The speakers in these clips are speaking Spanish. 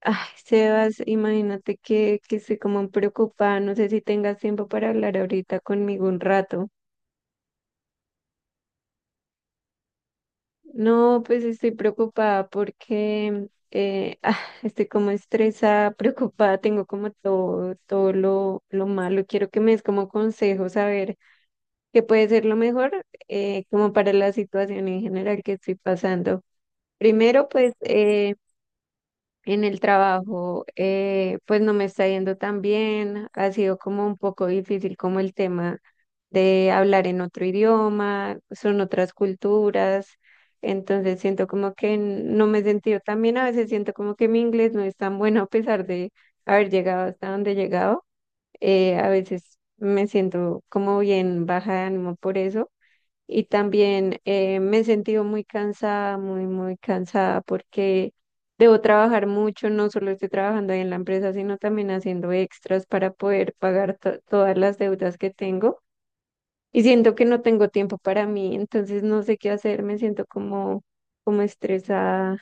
Ay, Sebas, imagínate que estoy como preocupada, no sé si tengas tiempo para hablar ahorita conmigo un rato. No, pues estoy preocupada porque ah, estoy como estresada, preocupada, tengo como todo lo malo. Quiero que me des como consejos a ver qué puede ser lo mejor como para la situación en general que estoy pasando. Primero, pues en el trabajo, pues no me está yendo tan bien, ha sido como un poco difícil como el tema de hablar en otro idioma, son otras culturas, entonces siento como que no me he sentido tan bien, a veces siento como que mi inglés no es tan bueno a pesar de haber llegado hasta donde he llegado, a veces me siento como bien baja de ánimo por eso y también me he sentido muy cansada, muy, muy cansada porque debo trabajar mucho, no solo estoy trabajando ahí en la empresa, sino también haciendo extras para poder pagar todas las deudas que tengo y siento que no tengo tiempo para mí. Entonces no sé qué hacer, me siento como estresada.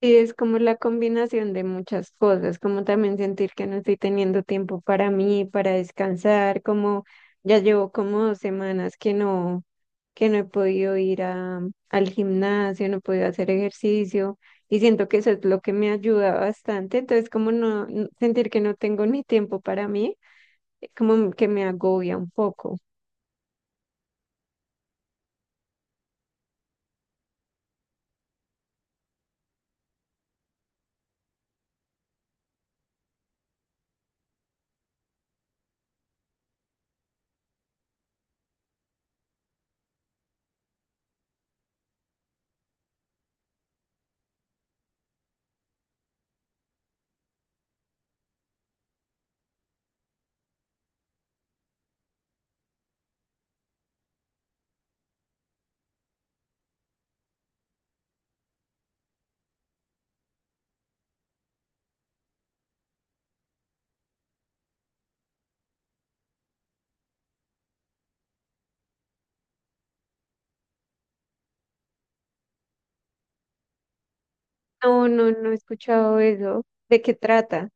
Sí, es como la combinación de muchas cosas, como también sentir que no estoy teniendo tiempo para mí, para descansar, como ya llevo como 2 semanas que no he podido ir al gimnasio, no he podido hacer ejercicio y siento que eso es lo que me ayuda bastante, entonces como no sentir que no tengo ni tiempo para mí, como que me agobia un poco. No, no, no he escuchado eso. ¿De qué trata?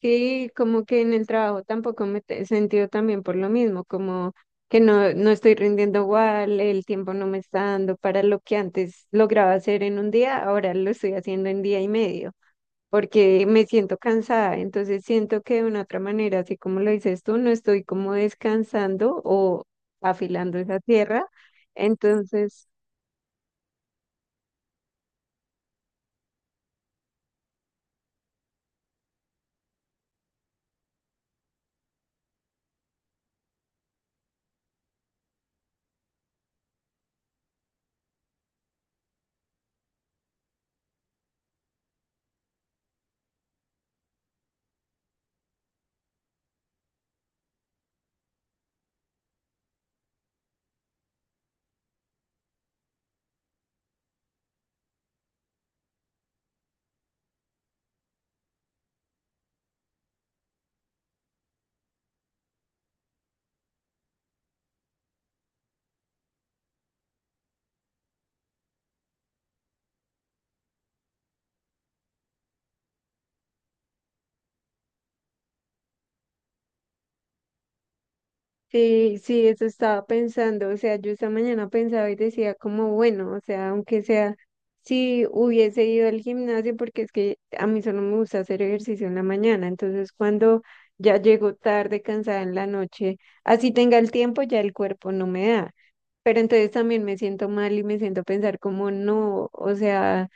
Sí, como que en el trabajo tampoco me he sentido también por lo mismo, como que no estoy rindiendo igual, el tiempo no me está dando para lo que antes lograba hacer en un día, ahora lo estoy haciendo en día y medio, porque me siento cansada, entonces siento que de una otra manera, así como lo dices tú, no estoy como descansando o afilando esa tierra, entonces... Sí, sí, eso estaba pensando, o sea, yo esta mañana pensaba y decía como, bueno, o sea, aunque sea, si hubiese ido al gimnasio, porque es que a mí solo me gusta hacer ejercicio en la mañana, entonces cuando ya llego tarde, cansada en la noche, así tenga el tiempo, ya el cuerpo no me da, pero entonces también me siento mal y me siento pensar como, no, o sea...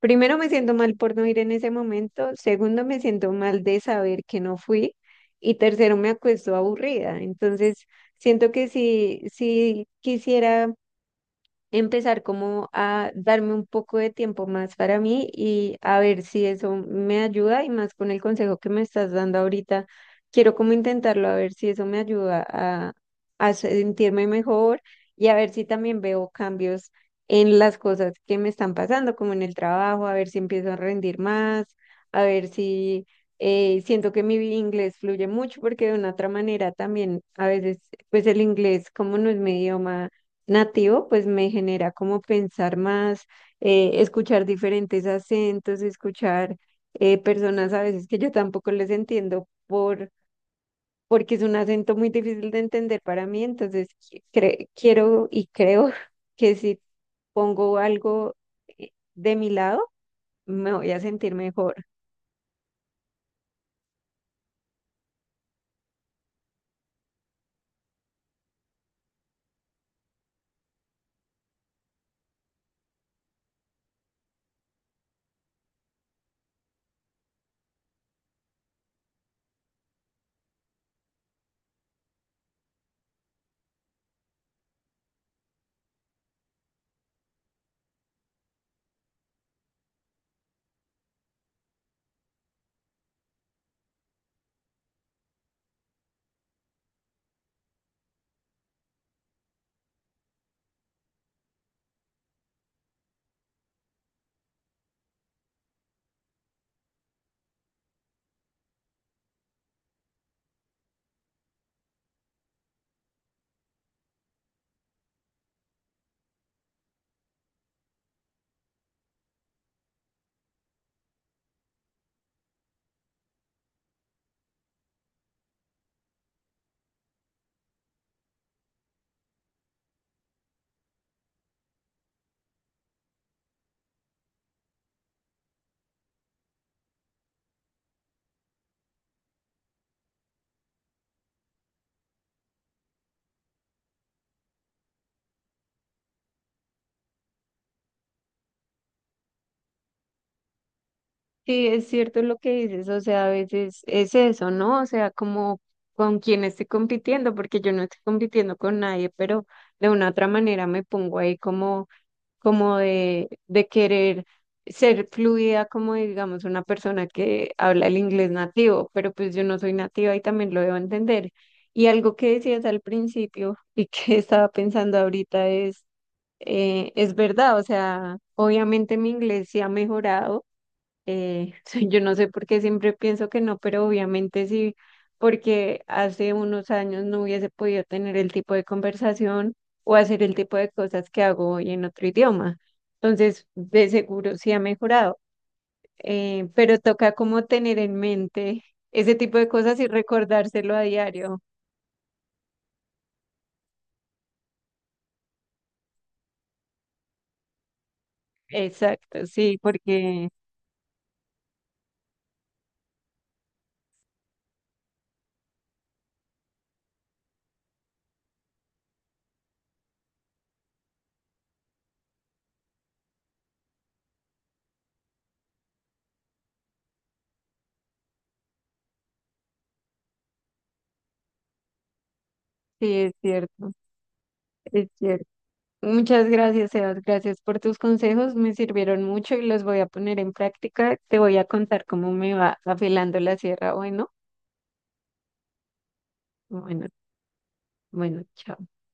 Primero me siento mal por no ir en ese momento, segundo me siento mal de saber que no fui y tercero me acuesto aburrida. Entonces, siento que si quisiera empezar como a darme un poco de tiempo más para mí y a ver si eso me ayuda y más con el consejo que me estás dando ahorita. Quiero como intentarlo a ver si eso me ayuda a sentirme mejor y a ver si también veo cambios en las cosas que me están pasando, como en el trabajo, a ver si empiezo a rendir más, a ver si siento que mi inglés fluye mucho porque de una otra manera también a veces pues el inglés como no es mi idioma nativo, pues me genera como pensar más, escuchar diferentes acentos, escuchar personas a veces que yo tampoco les entiendo porque es un acento muy difícil de entender para mí, entonces quiero y creo que si pongo algo de mi lado, me voy a sentir mejor. Sí, es cierto lo que dices, o sea, a veces es eso, ¿no? O sea, como con quién estoy compitiendo, porque yo no estoy compitiendo con nadie, pero de una otra manera me pongo ahí como, como de querer ser fluida, como digamos una persona que habla el inglés nativo, pero pues yo no soy nativa y también lo debo entender. Y algo que decías al principio y que estaba pensando ahorita es verdad, o sea, obviamente mi inglés sí ha mejorado eh, yo no sé por qué siempre pienso que no, pero obviamente sí, porque hace unos años no hubiese podido tener el tipo de conversación o hacer el tipo de cosas que hago hoy en otro idioma. Entonces, de seguro sí ha mejorado, pero toca como tener en mente ese tipo de cosas y recordárselo a diario. Exacto, sí, porque sí, es cierto, es cierto. Muchas gracias, Sebas. Gracias por tus consejos. Me sirvieron mucho y los voy a poner en práctica. Te voy a contar cómo me va afilando la sierra. Bueno, bueno, bueno, chao.